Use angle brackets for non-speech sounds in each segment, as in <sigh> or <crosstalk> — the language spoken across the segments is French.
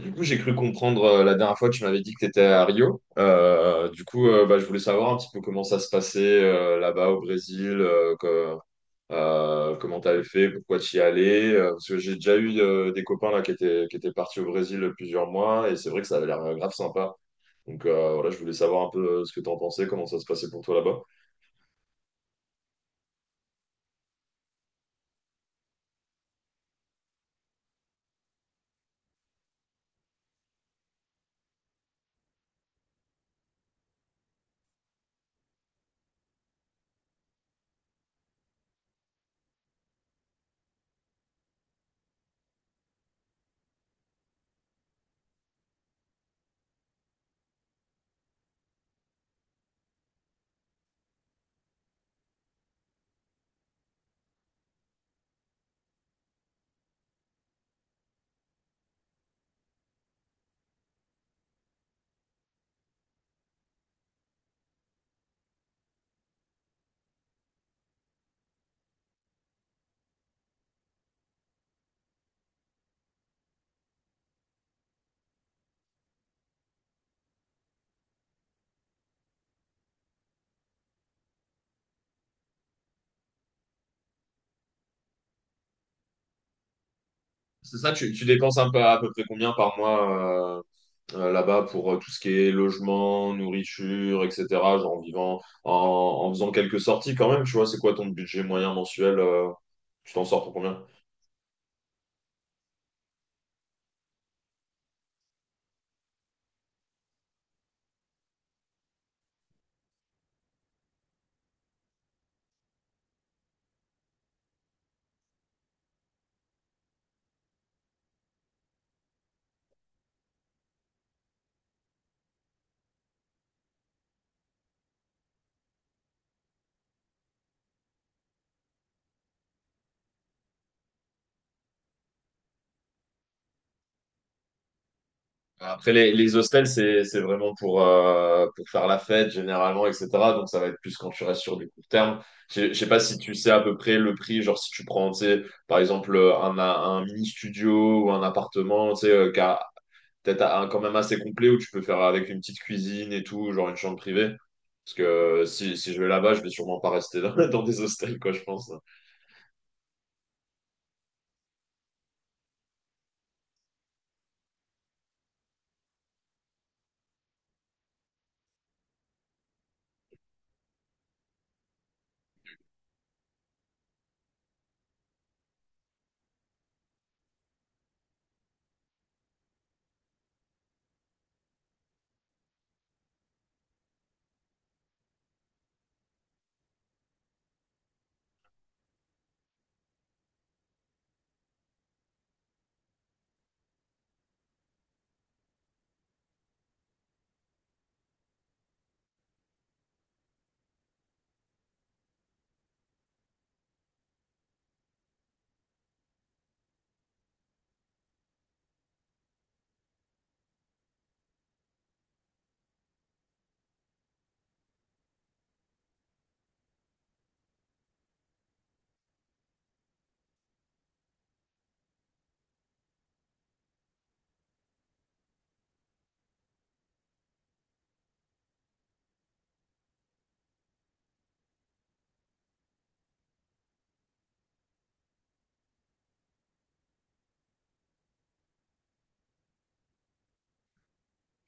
Du coup, j'ai cru comprendre la dernière fois, tu m'avais dit que tu étais à Rio. Je voulais savoir un petit peu comment ça se passait là-bas au Brésil, comment tu avais fait, pourquoi tu y allais. Parce que j'ai déjà eu des copains là, qui étaient partis au Brésil plusieurs mois, et c'est vrai que ça avait l'air grave sympa. Donc voilà, je voulais savoir un peu ce que tu en pensais, comment ça se passait pour toi là-bas. C'est ça, tu dépenses un peu, à peu près combien par mois là-bas pour tout ce qui est logement, nourriture, etc. Genre en vivant, en faisant quelques sorties quand même, tu vois, c'est quoi ton budget moyen mensuel? Tu t'en sors pour combien? Après, les hostels, c'est vraiment pour faire la fête généralement, etc. Donc ça va être plus quand tu restes sur du court terme. Je sais pas si tu sais à peu près le prix, genre si tu prends, tu sais, par exemple, un mini studio ou un appartement, tu sais, qu'à peut-être quand même assez complet où tu peux faire avec une petite cuisine et tout, genre une chambre privée. Parce que si, si je vais là-bas, je vais sûrement pas rester dans, <laughs> dans des hostels, quoi, je pense.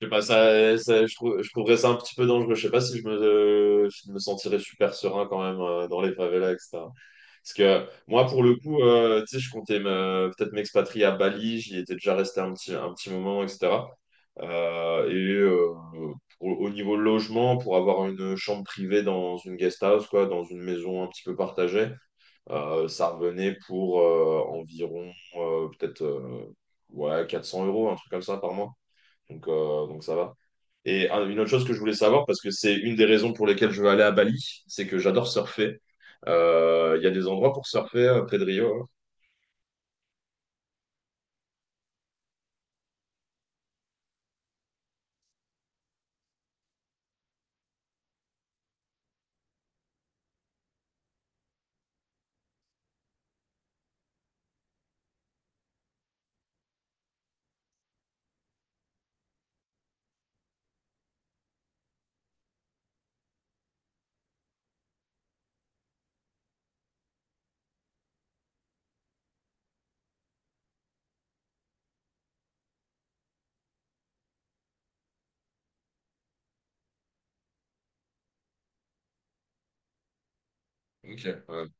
Je sais pas, je trouverais ça un petit peu dangereux. Je sais pas si si je me sentirais super serein quand même dans les favelas, etc. Parce que moi, pour le coup, tu sais, peut-être m'expatrier à Bali. J'y étais déjà resté un petit moment, etc. Euh, et euh, Au niveau logement, pour avoir une chambre privée dans une guest house, quoi, dans une maison un petit peu partagée, ça revenait pour environ peut-être ouais, 400 euros, un truc comme ça par mois. Donc ça va. Et une autre chose que je voulais savoir, parce que c'est une des raisons pour lesquelles je veux aller à Bali, c'est que j'adore surfer. Il y a des endroits pour surfer près de Rio. Hein. Ok.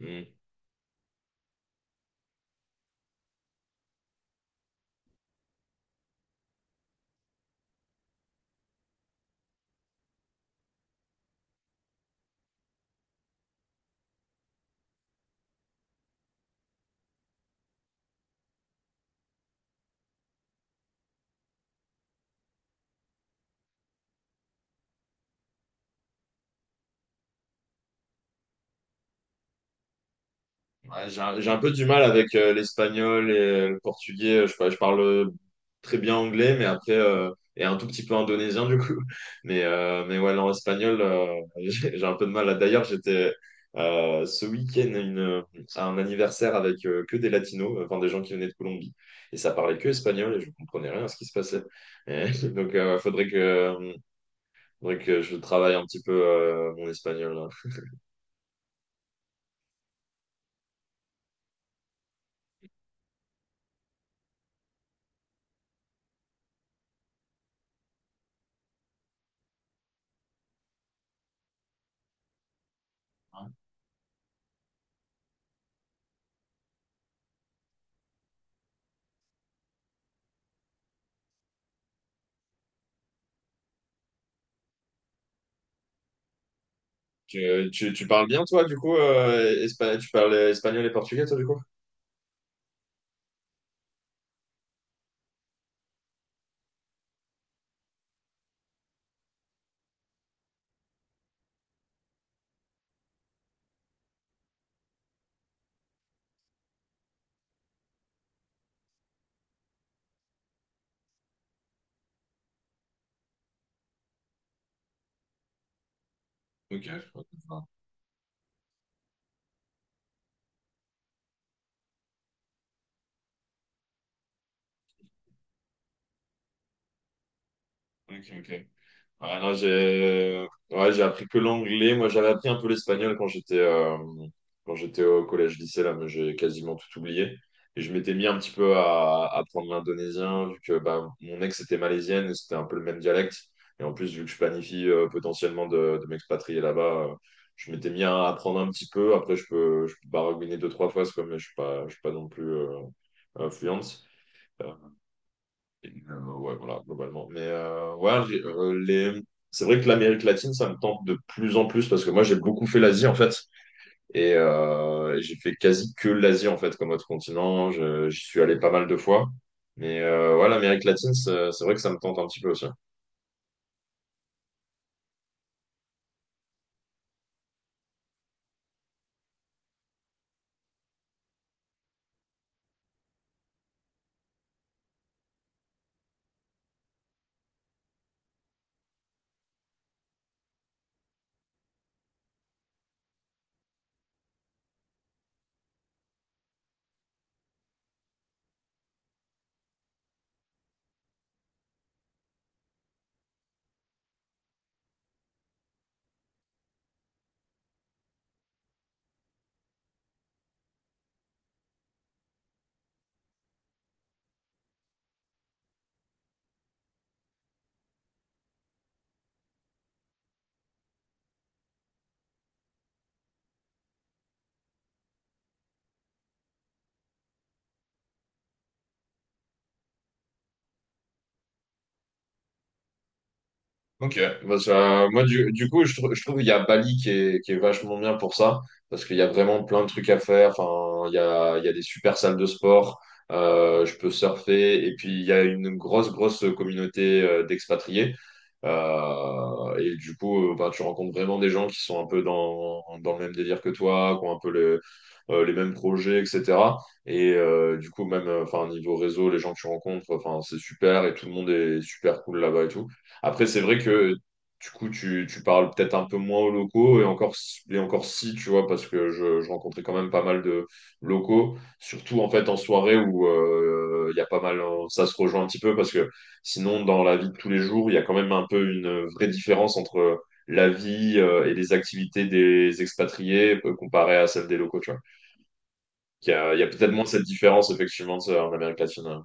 Ouais. Ouais, j'ai un peu du mal avec l'espagnol et le portugais. Je parle très bien anglais, mais après, et un tout petit peu indonésien du coup. <laughs> Mais ouais, non, espagnol, <laughs> j'ai un peu de mal. D'ailleurs, j'étais ce week-end à un anniversaire avec que des latinos, enfin des gens qui venaient de Colombie. Et ça parlait que espagnol et je comprenais rien à ce qui se passait. Et <laughs> donc, ouais, faudrait que je travaille un petit peu mon espagnol là. Tu parles bien, toi, du coup, tu parles espagnol et portugais, toi, du coup? Ok, je crois que ça. Ok, ok. Ouais, non, j'ai Ouais, j'ai appris que l'anglais. Moi, j'avais appris un peu l'espagnol quand j'étais au collège lycée là, mais j'ai quasiment tout oublié. Et je m'étais mis un petit peu à apprendre l'indonésien vu que bah, mon ex était malaisienne et c'était un peu le même dialecte. Et en plus, vu que je planifie potentiellement de m'expatrier là-bas, je m'étais mis à apprendre un petit peu. Après, je peux baragouiner deux trois fois, c'est quoi, mais je suis pas non plus fluente. Euh, ouais, voilà, globalement. Mais ouais, les... c'est vrai que l'Amérique latine, ça me tente de plus en plus parce que moi, j'ai beaucoup fait l'Asie, en fait. Et j'ai fait quasi que l'Asie, en fait, comme autre continent. J'y suis allé pas mal de fois. Mais ouais, l'Amérique latine, c'est vrai que ça me tente un petit peu aussi. Ok, bah ça- moi du coup je, trou- je trouve qu'il y a Bali qui est vachement bien pour ça, parce qu'il y a vraiment plein de trucs à faire, enfin, il y a des super salles de sport, je peux surfer, et puis il y a une grosse, grosse communauté d'expatriés. Bah, tu rencontres vraiment des gens qui sont un peu dans le même délire que toi, qui ont un peu le- les mêmes projets, etc. Et du coup même, enfin, niveau réseau, les gens que tu rencontres, enfin, c'est super, et tout le monde est super cool là-bas et tout. Après, c'est vrai que du coup, tu parles peut-être un peu moins aux locaux, et encore, et encore si, tu vois, parce que je rencontrais quand même pas mal de locaux, surtout en fait en soirée où il y a pas mal, hein, ça se rejoint un petit peu, parce que sinon, dans la vie de tous les jours, il y a quand même un peu une vraie différence entre la vie et les activités des expatriés comparée à celle des locaux, tu vois. Il y a peut-être moins cette différence, effectivement, ça, en Amérique latine. Hein.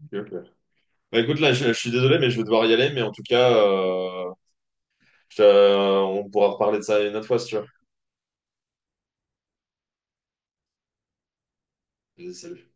Ok, ok. Bah écoute, là, je suis désolé, mais je vais devoir y aller, mais en tout cas... Je te- on pourra reparler de ça une autre fois si tu veux. Vas-y, salut.